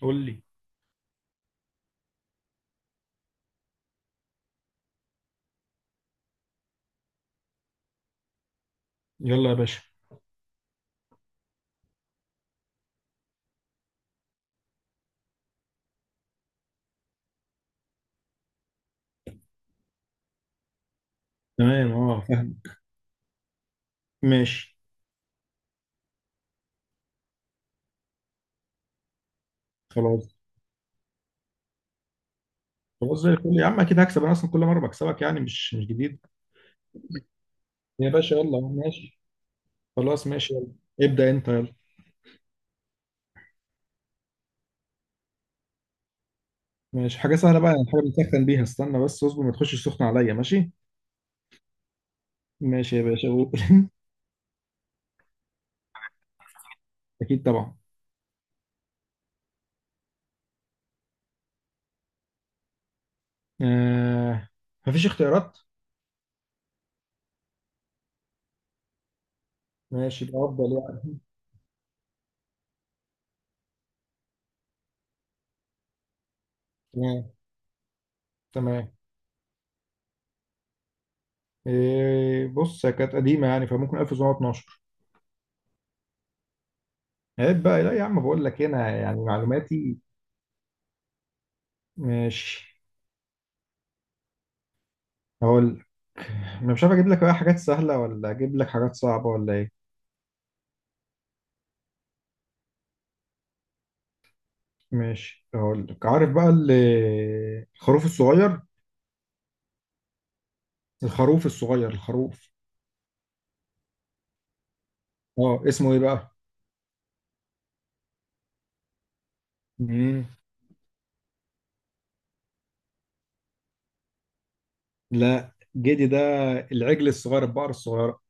قول لي. يلا يا باشا. تمام، اه، فاهم. ماشي. خلاص. خلاص زي الفل يا عم، اكيد هكسب، انا اصلا كل مره بكسبك يعني، مش جديد. يا باشا يلا ماشي. خلاص ماشي يلا. ابدا انت يلا. ماشي، حاجه سهله بقى يعني، حاجه بنسخن بيها، استنى بس اصبر، ما تخشش سخن عليا، ماشي. ماشي يا باشا قول. اكيد طبعا. آه. مفيش اختيارات؟ ماشي يبقى افضل يعني. تمام. تمام، إيه، بص هي كانت قديمه يعني، فممكن 1912. عيب بقى، لا يا عم، بقول لك هنا يعني معلوماتي. ماشي هقول. انا مش عارف اجيب لك بقى حاجات سهله ولا اجيب لك حاجات صعبه ولا ايه. ماشي هقول لك. عارف بقى الخروف الصغير. الخروف الصغير الخروف. اه، اسمه ايه بقى؟ مم. لا جدي ده، العجل الصغير، البقر الصغيره.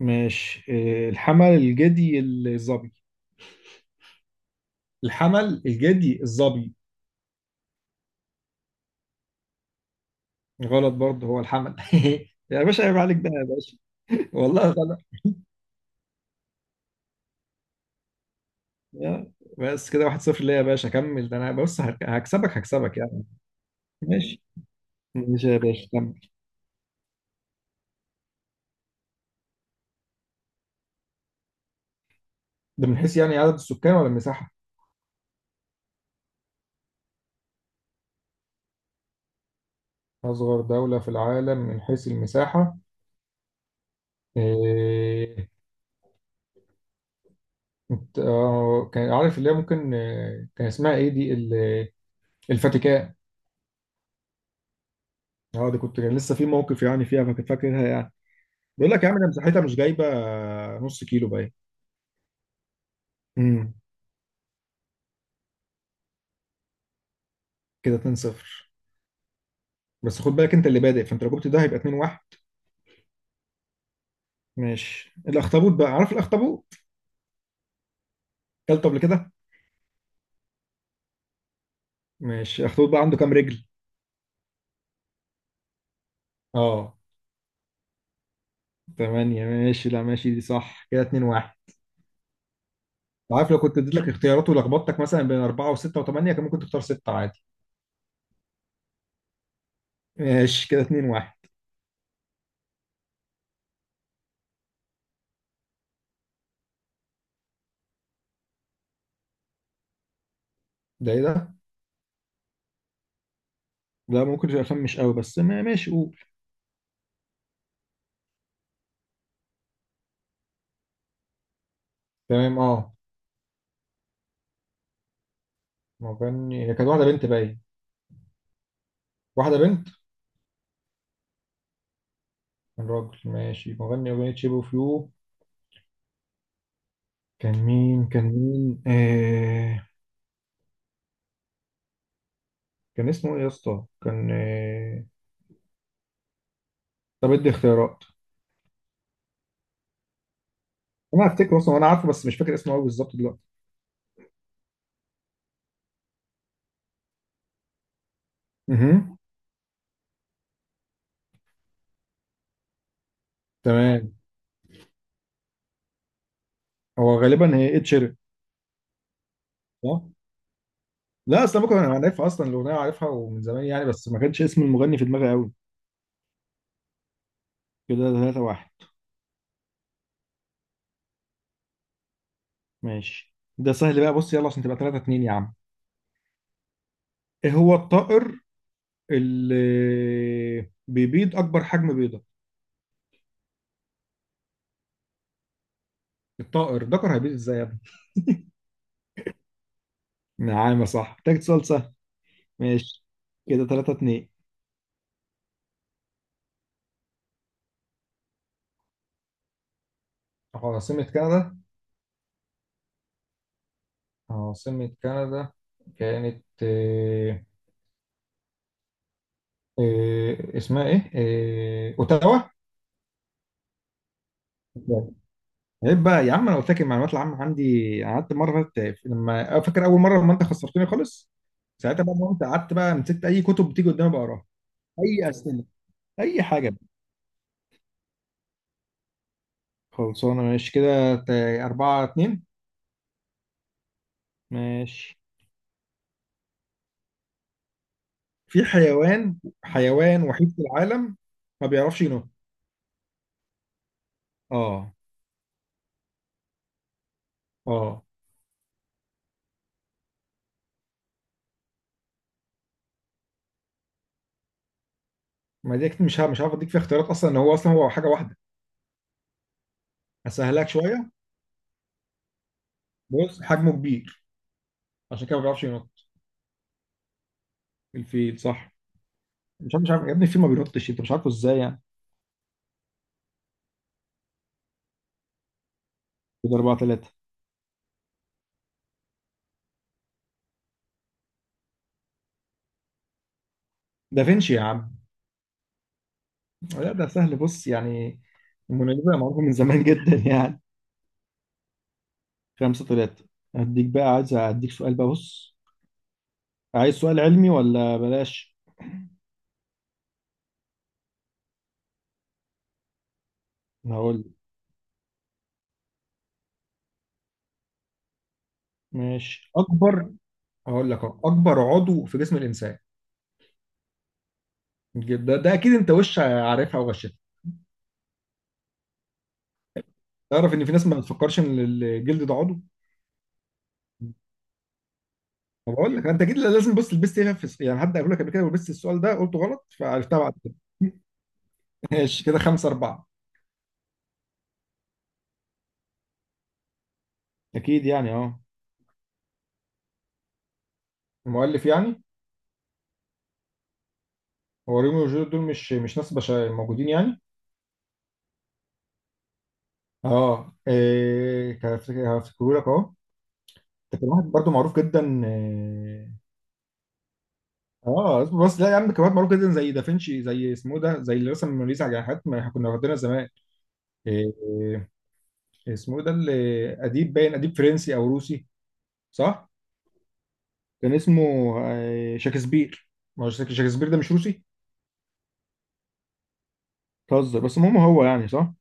ماشي، إيه، الحمل، الجدي، الظبي. الحمل، الجدي، الظبي. غلط برضه، هو الحمل. يا باشا، عيب عليك بقى يا باشا. والله غلط. يا- بس كده واحد صفر ليا يا باشا، كمل، ده انا بص هكسبك، هكسبك يعني. ماشي. ماشي يا باشا كمل. ده من حيث يعني عدد السكان ولا المساحة؟ أصغر دولة في العالم من حيث المساحة، إيه... آه، كان عارف، اللي هي ممكن آه، كان اسمها إيه دي الفاتيكان. أه دي كنت، كان لسه في موقف يعني فيها، فاكرها يعني. بيقول لك يا عم ده مساحتها مش جايبة آه، نص كيلو باين. امم، كده 2 0. بس خد بالك، أنت اللي بادئ، فأنت لو جبت ده هيبقى 2 1. ماشي، الأخطبوط بقى، عارف الأخطبوط؟ كلته قبل كده؟ ماشي، الأخطبوط بقى عنده كام رجل؟ أه. تمانية، ماشي، لا ماشي، دي صح، كده اتنين واحد. عارف لو كنت اديت لك اختيارات، ولخبطتك مثلا بين أربعة وستة وثمانية، كان ممكن تختار ستة عادي. ماشي، كده اتنين واحد. ده ايه ده؟ لا ممكن يبقى فاهم مش قوي، بس ما ماشي قول. تمام، اه. مغني؟ هي كانت واحدة بنت باين. واحدة بنت. كان راجل، ماشي، مغني أغنية شيب اوف يو، كان مين، كان مين آه... كان اسمه ايه يا اسطى؟ كان آه... طب ادي اختيارات. انا هفتكر اصلا وانا عارفه، بس مش فاكر اسمه قوي بالظبط دلوقتي. اها. تمام. هو غالبا هي اتشيرت، صح؟ لا اصل ممكن انا عارفها اصلا، الاغنيه عارفها ومن زمان يعني، بس ما كانش اسم المغني في دماغي قوي. كده 3 1. ماشي، ده سهل بقى، بص يلا عشان تبقى 3 2 يا عم. ايه هو الطائر اللي بيبيض اكبر حجم بيضه؟ الطائر ذكر هيبيض ازاي يا ابني؟ نعم، صح، محتاج سؤال سهل. ماشي، كده 3 2. عاصمة كندا. عاصمة كندا كانت آه، آه، اسمها ايه، آه، اوتاوا. عيب بقى يا عم، انا قلت لك المعلومات العامه عندي، قعدت مره فاتت لما، فاكر اول مره لما انت خسرتني خالص، ساعتها بقى انت قعدت بقى مسكت اي كتب بتيجي قدامي بقراها، اي اسئله، اي حاجه بقى. خلصانه ماشي كده أربعة اتنين. ماشي. في حيوان، حيوان وحيد في العالم ما بيعرفش ينط. اه. اه. ما دي أكيد مش عارف اديك فيها اختيارات، اصلا ان هو اصلا هو حاجه واحده. اسهلك شويه. بص، حجمه كبير، عشان كده ما بيعرفش ينط. الفيل، صح. مش عارف، مش عارف يا ابني الفيل ما بينطش، انت مش عارفه ازاي يعني. كده 4 3. دافنشي يا عم. لا ده سهل بص يعني، الموناليزا معروفة من زمان جدا يعني. 5 3. هديك بقى، عايز هديك سؤال بقى، بص، عايز سؤال علمي ولا بلاش؟ هقول لك. ماشي، اكبر. هقول لك أهو. اكبر عضو في جسم الانسان. ده ده اكيد انت وش عارفها وغشتها. تعرف ان في ناس ما بتفكرش ان الجلد ده عضو. طب اقول لك انت اكيد لازم بص لبست ايه في يعني حد قال لك قبل كده ولبست السؤال ده قلته غلط فعرفتها بعد كده. ماشي، كده 5 4. اكيد يعني، اه. المؤلف يعني؟ هو روميو وجوليت دول مش ناس بشر موجودين يعني. اه، إيه، هفتكره لك اهو. ده كان واحد برضه معروف جدا، إيه، اه اصبر بس، لا يا عم كان واحد معروف جدا زي دافنشي، زي اسمه ده، زي اللي رسم الموناليزا، على حاجات ما احنا كنا واخدينها زمان. إيه، إيه، اسمه ده اللي، اديب باين، اديب فرنسي او روسي، صح؟ كان اسمه آه، شكسبير. ما هو شكسبير ده مش روسي؟ بتهزر بس، المهم هو يعني، صح؟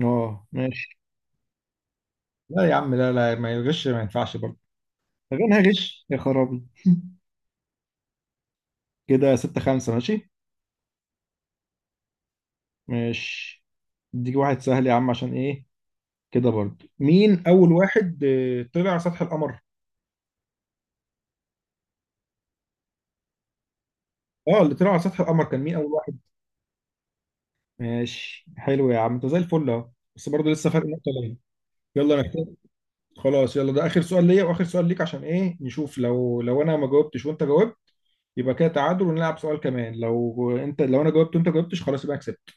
اه ماشي. لا يا عم، لا، لا، ما يغش ما ينفعش برضه. غنى غش يا خرابي. كده ستة خمسة، ماشي. ماشي، اديك واحد سهل يا عم، عشان ايه كده برضه، مين اول واحد آه، طلع على سطح القمر؟ اه اللي طلع على سطح القمر كان مين، اول واحد. ماشي، حلو يا عم، انت زي الفل اهو، بس برضه لسه فرق نقطة ليا. يلا انا كده خلاص، يلا ده اخر سؤال ليا واخر سؤال ليك، عشان ايه، نشوف لو، لو انا ما جاوبتش وانت جاوبت يبقى كده تعادل ونلعب سؤال كمان، لو انت، لو انا جاوبت وانت جاوبتش خلاص يبقى أنا كسبت.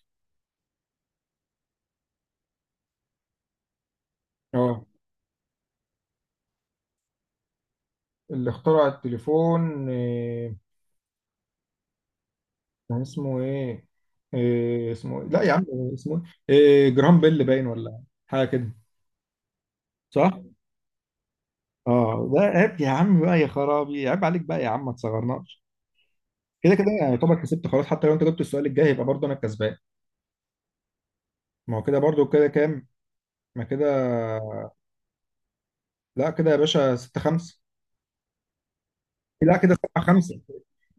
اه. اللي اخترع التليفون آه، كان اسمه ايه، إيه اسمه إيه؟ لا يا عم. اسمه، ايه، إيه، جرام بيل باين ولا حاجه كده. صح. اه ده عيب يا عم بقى، يا خرابي عيب عليك بقى يا عم، ما تصغرناش. كده كده يعني يعتبر كسبت خلاص، حتى لو انت جبت السؤال الجاي يبقى برضه انا الكسبان. ما هو كده برضه، كده كام؟ ما كده، لا كده يا باشا 6 5. لا كده 7 5،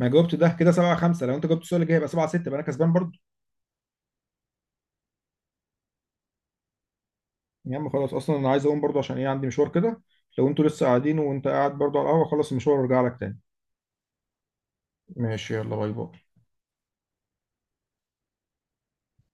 ما جاوبت ده، كده 7 5، لو انت جبت السؤال الجاي يبقى 7 6، يبقى انا كسبان برضه. يا عم خلاص، اصلا انا عايز اقوم برضه، عشان ايه، عندي مشوار كده، لو انتوا لسه قاعدين، وانت قاعد برضه على القهوه، خلص المشوار وارجع لك تاني. ماشي يلا، باي باي.